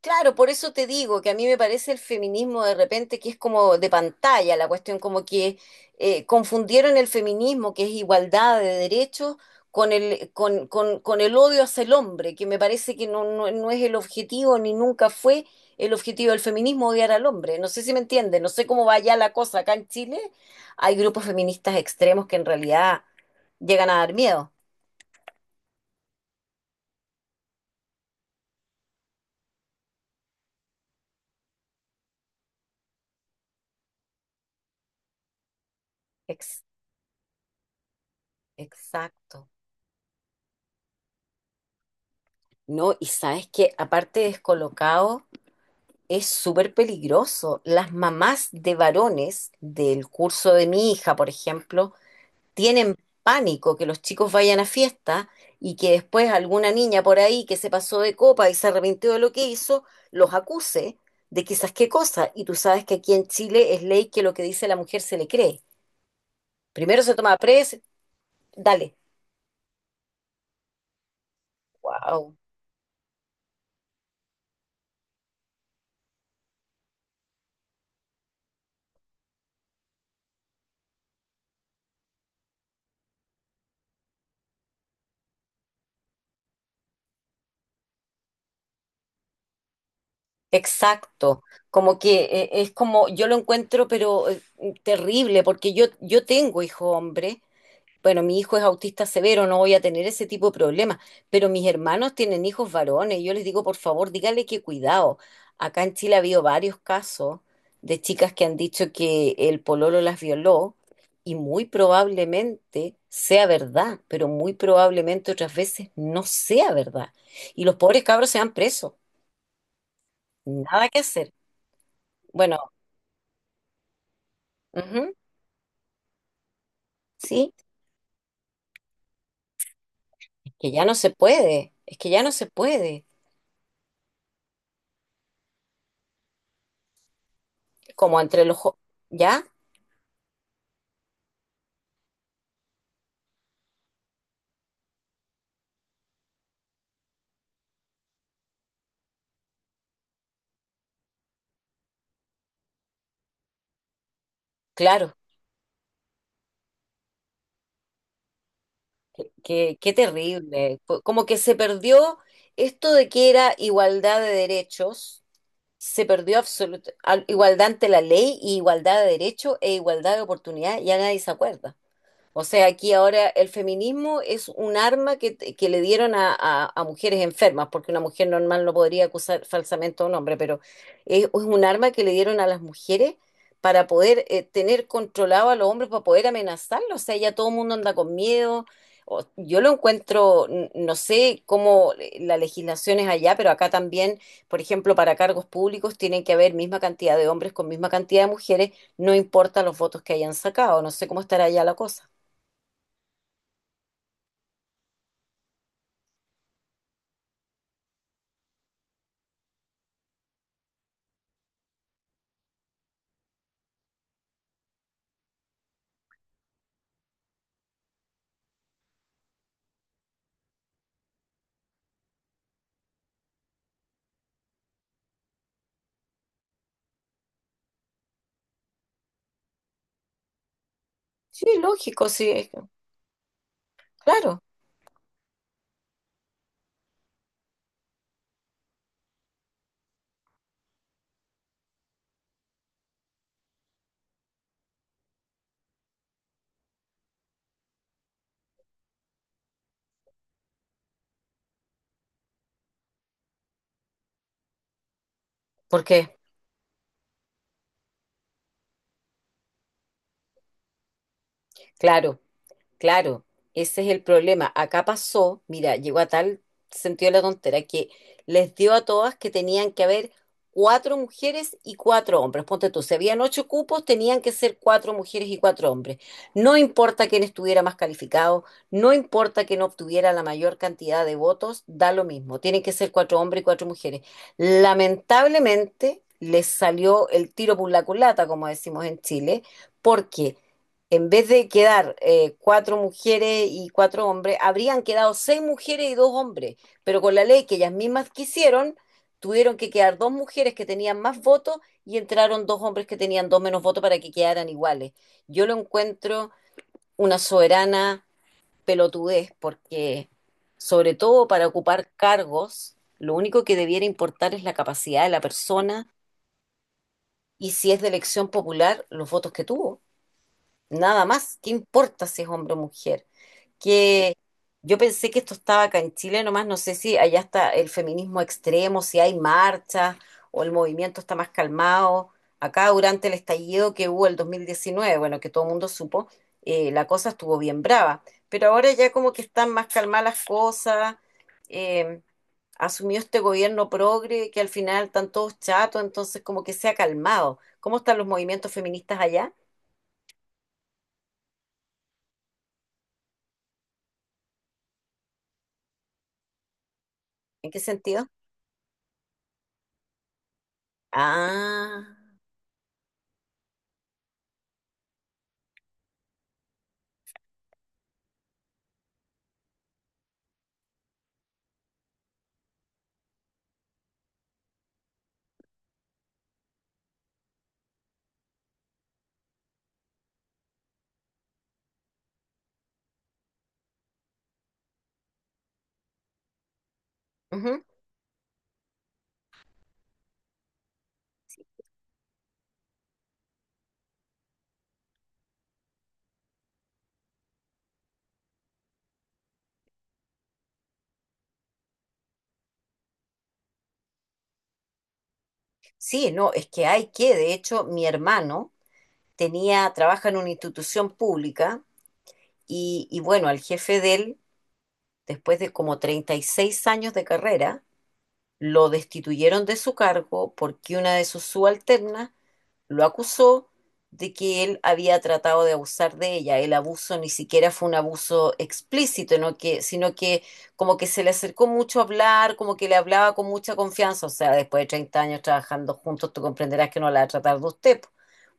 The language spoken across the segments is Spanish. Claro, por eso te digo que a mí me parece el feminismo de repente que es como de pantalla la cuestión, como que confundieron el feminismo, que es igualdad de derechos, con el odio hacia el hombre, que me parece que no, no, no es el objetivo ni nunca fue el objetivo del feminismo odiar al hombre. No sé si me entiendes, no sé cómo va ya la cosa acá en Chile. Hay grupos feministas extremos que en realidad llegan a dar miedo. Ex- exacto. No, y sabes que aparte descolocado. Es súper peligroso. Las mamás de varones del curso de mi hija, por ejemplo, tienen pánico que los chicos vayan a fiesta y que después alguna niña por ahí que se pasó de copa y se arrepintió de lo que hizo, los acuse de quizás qué cosa. Y tú sabes que aquí en Chile es ley que lo que dice la mujer se le cree. Primero se toma dale. Wow. Exacto. Como que es como, yo lo encuentro, pero terrible, porque yo tengo hijo hombre. Bueno, mi hijo es autista severo, no voy a tener ese tipo de problemas, pero mis hermanos tienen hijos varones. Yo les digo, por favor, díganle que cuidado. Acá en Chile ha habido varios casos de chicas que han dicho que el pololo las violó y muy probablemente sea verdad, pero muy probablemente otras veces no sea verdad. Y los pobres cabros se van presos, nada que hacer. Bueno, ujú, sí, es que ya no se puede, es que ya no se puede, como entre los... ¿Ya? Claro. Qué, qué terrible. Como que se perdió esto de que era igualdad de derechos, se perdió absoluta igualdad ante la ley y igualdad de derechos e igualdad de oportunidad, ya nadie se acuerda. O sea, aquí ahora el feminismo es un arma que le dieron a, a mujeres enfermas, porque una mujer normal no podría acusar falsamente a un hombre, pero es un arma que le dieron a las mujeres para poder tener controlado a los hombres, para poder amenazarlos. O sea, ya todo el mundo anda con miedo. Yo lo encuentro, no sé cómo la legislación es allá, pero acá también, por ejemplo, para cargos públicos tienen que haber misma cantidad de hombres con misma cantidad de mujeres, no importa los votos que hayan sacado. No sé cómo estará allá la cosa. Sí, lógico, sí, claro. ¿Por qué? Claro, Claro, ese es el problema. Acá pasó, mira, llegó a tal sentido la tontera que les dio a todas que tenían que haber cuatro mujeres y cuatro hombres. Ponte tú, si habían ocho cupos, tenían que ser cuatro mujeres y cuatro hombres. No importa quién estuviera más calificado, no importa quién obtuviera la mayor cantidad de votos, da lo mismo. Tienen que ser cuatro hombres y cuatro mujeres. Lamentablemente, les salió el tiro por la culata, como decimos en Chile, porque en vez de quedar cuatro mujeres y cuatro hombres, habrían quedado seis mujeres y dos hombres, pero con la ley que ellas mismas quisieron, tuvieron que quedar dos mujeres que tenían más votos y entraron dos hombres que tenían dos menos votos para que quedaran iguales. Yo lo encuentro una soberana pelotudez, porque sobre todo para ocupar cargos, lo único que debiera importar es la capacidad de la persona y si es de elección popular, los votos que tuvo. Nada más, ¿qué importa si es hombre o mujer? Que yo pensé que esto estaba acá en Chile nomás, no sé si allá está el feminismo extremo, si hay marchas o el movimiento está más calmado. Acá durante el estallido que hubo el 2019 bueno, que todo el mundo supo, la cosa estuvo bien brava, pero ahora ya como que están más calmadas las cosas, eh, asumió este gobierno progre que al final están todos chatos, entonces como que se ha calmado. ¿Cómo están los movimientos feministas allá? ¿En qué sentido? Ah, ujú. Sí, no, es que hay que, de hecho, mi hermano trabaja en una institución pública y bueno, al jefe de él, después de como 36 años de carrera, lo destituyeron de su cargo porque una de sus subalternas lo acusó de que él había tratado de abusar de ella. El abuso ni siquiera fue un abuso explícito, ¿no? Que, sino que como que se le acercó mucho a hablar, como que le hablaba con mucha confianza. O sea, después de 30 años trabajando juntos, tú comprenderás que no la va a tratar de usted. Po.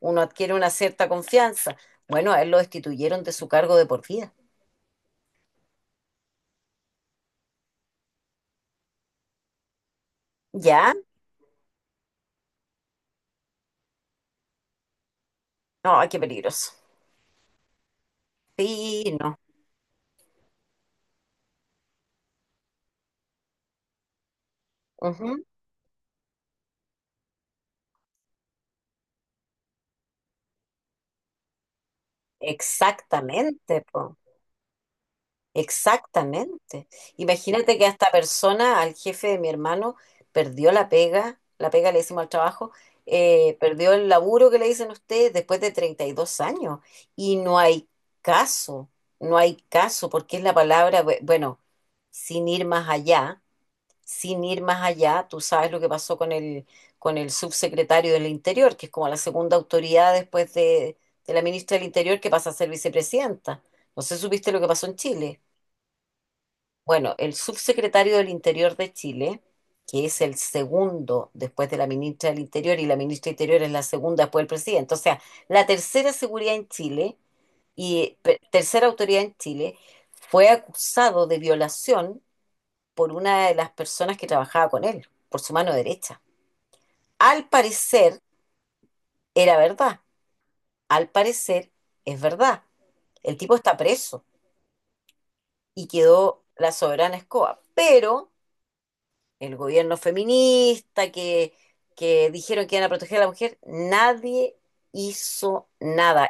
Uno adquiere una cierta confianza. Bueno, a él lo destituyeron de su cargo de por vida. ¿Ya? No, ay, qué peligroso. Sí, no. Ujú. Exactamente, po. Exactamente. Imagínate que a esta persona, al jefe de mi hermano, perdió la pega le decimos al trabajo, perdió el laburo que le dicen ustedes después de 32 años. Y no hay caso, no hay caso, porque es la palabra, bueno, sin ir más allá, sin ir más allá, tú sabes lo que pasó con el subsecretario del Interior, que es como la segunda autoridad después de la ministra del Interior que pasa a ser vicepresidenta. No sé, ¿supiste lo que pasó en Chile? Bueno, el subsecretario del Interior de Chile, que es el segundo después de la ministra del Interior, y la ministra del Interior es la segunda después del presidente, o sea, la tercera seguridad en Chile y tercera autoridad en Chile, fue acusado de violación por una de las personas que trabajaba con él, por su mano derecha. Al parecer era verdad, al parecer es verdad. El tipo está preso y quedó la soberana escoba, pero el gobierno feminista, que dijeron que iban a proteger a la mujer, nadie hizo nada.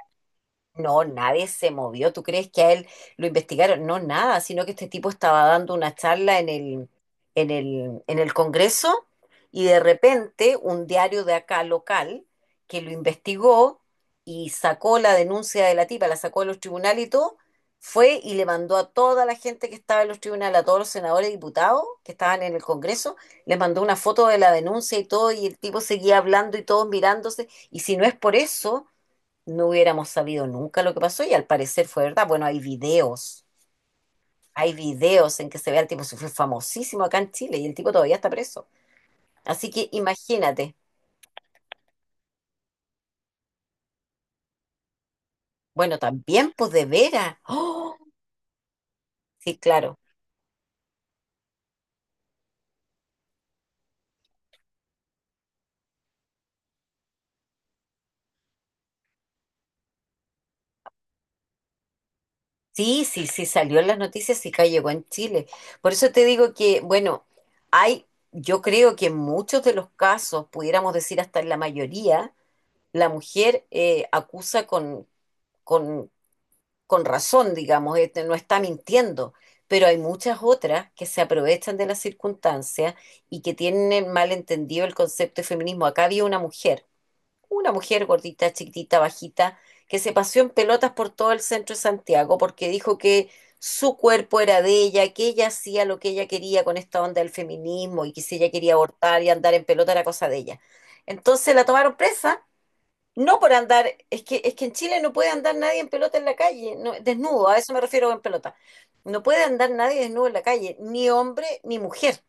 No, nadie se movió. ¿Tú crees que a él lo investigaron? No, nada, sino que este tipo estaba dando una charla en el, en el Congreso y de repente un diario de acá local que lo investigó y sacó la denuncia de la tipa, la sacó de los tribunales y todo, fue y le mandó a toda la gente que estaba en los tribunales, a todos los senadores y diputados que estaban en el Congreso, les mandó una foto de la denuncia y todo, y el tipo seguía hablando y todos mirándose, y si no es por eso no hubiéramos sabido nunca lo que pasó y al parecer fue verdad. Bueno, hay videos en que se ve al tipo, se fue famosísimo acá en Chile y el tipo todavía está preso. Así que imagínate. Bueno, también, pues de veras. ¡Oh! Sí, claro. Sí, sí, sí, salió en las noticias y acá llegó en Chile. Por eso te digo que, bueno, hay, yo creo que en muchos de los casos, pudiéramos decir hasta en la mayoría, la mujer acusa con, con con razón, digamos, este, no está mintiendo, pero hay muchas otras que se aprovechan de las circunstancias y que tienen mal entendido el concepto de feminismo. Acá había una mujer gordita, chiquitita, bajita, que se paseó en pelotas por todo el centro de Santiago porque dijo que su cuerpo era de ella, que ella hacía lo que ella quería con esta onda del feminismo y que si ella quería abortar y andar en pelota era cosa de ella. Entonces la tomaron presa no por andar, es que en Chile no puede andar nadie en pelota en la calle, no, desnudo, a eso me refiero en pelota. No puede andar nadie desnudo en la calle, ni hombre ni mujer,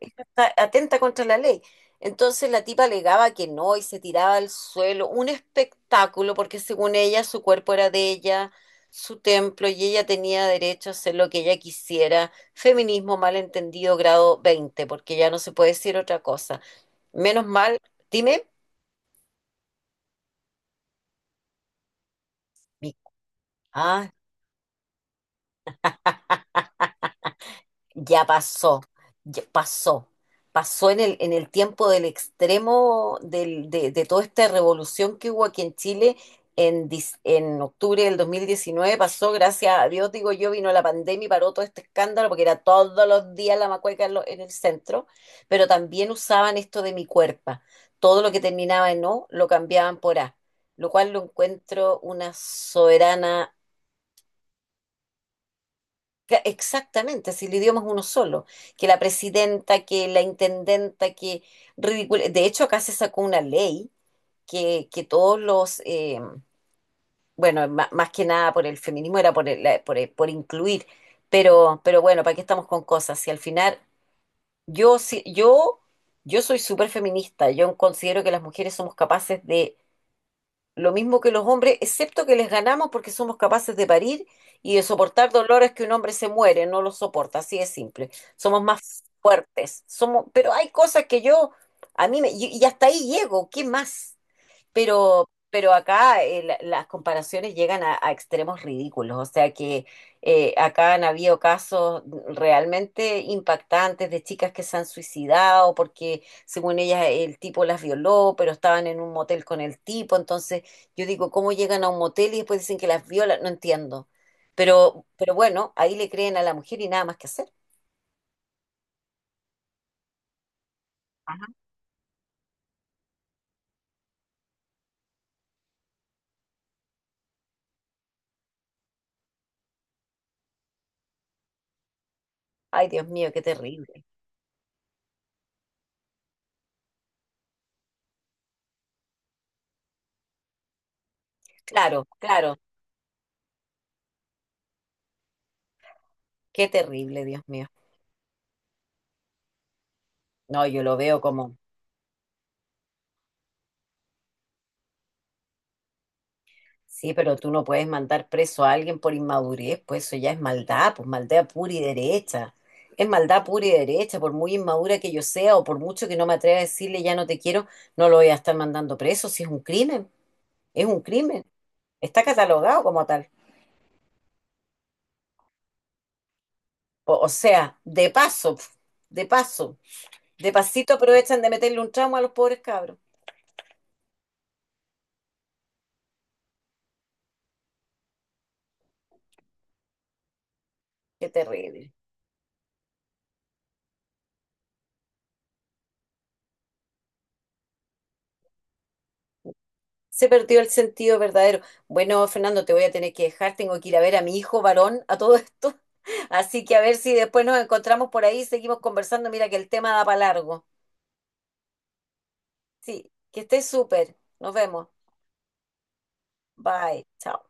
está atenta contra la ley. Entonces la tipa alegaba que no y se tiraba al suelo, un espectáculo, porque según ella su cuerpo era de ella, su templo, y ella tenía derecho a hacer lo que ella quisiera. Feminismo malentendido grado 20 porque ya no se puede decir otra cosa. Menos mal, dime. Mi- Ah, ya pasó, ya pasó, pasó en el tiempo del extremo de toda esta revolución que hubo aquí en Chile en, en octubre del 2019 pasó, gracias a Dios, digo yo, vino la pandemia y paró todo este escándalo porque era todos los días la macueca en, en el centro, pero también usaban esto de mi cuerpo, todo lo que terminaba en O lo cambiaban por A, lo cual lo encuentro una soberana. Exactamente, si el idioma es uno solo, que la presidenta, que la intendenta, que ridículo. De hecho, acá se sacó una ley que todos los, bueno, más que nada por el feminismo era por, el- la- por, el- por incluir, pero, bueno, ¿para qué estamos con cosas? Si al final, yo, sí- yo, yo soy súper feminista, yo considero que las mujeres somos capaces de lo mismo que los hombres, excepto que les ganamos porque somos capaces de parir y de soportar dolores que un hombre se muere, no los soporta, así es simple. Somos más fuertes, somos, pero hay cosas que yo, a mí me, y hasta ahí llego, ¿qué más? Pero acá las comparaciones llegan a extremos ridículos, o sea que acá han habido casos realmente impactantes de chicas que se han suicidado porque según ellas el tipo las violó, pero estaban en un motel con el tipo, entonces yo digo, ¿cómo llegan a un motel y después dicen que las violan? No entiendo. Pero, bueno, ahí le creen a la mujer y nada más que hacer. Ay, Dios mío, qué terrible. Claro, claro, qué terrible, Dios mío. No, yo lo veo como... Sí, pero tú no puedes mandar preso a alguien por inmadurez, pues eso ya es maldad, pues maldad pura y derecha. Es maldad pura y derecha, por muy inmadura que yo sea o por mucho que no me atreva a decirle ya no te quiero, no lo voy a estar mandando preso, si es un crimen, es un crimen, está catalogado como tal. O sea, de paso, de paso, de pasito aprovechan de meterle un tramo a los pobres cabros. Qué terrible. Se perdió el sentido verdadero. Bueno, Fernando, te voy a tener que dejar. Tengo que ir a ver a mi hijo varón a todo esto. Así que a ver si después nos encontramos por ahí y seguimos conversando. Mira que el tema da para largo. Sí, que estés súper. Nos vemos. Bye. Chao.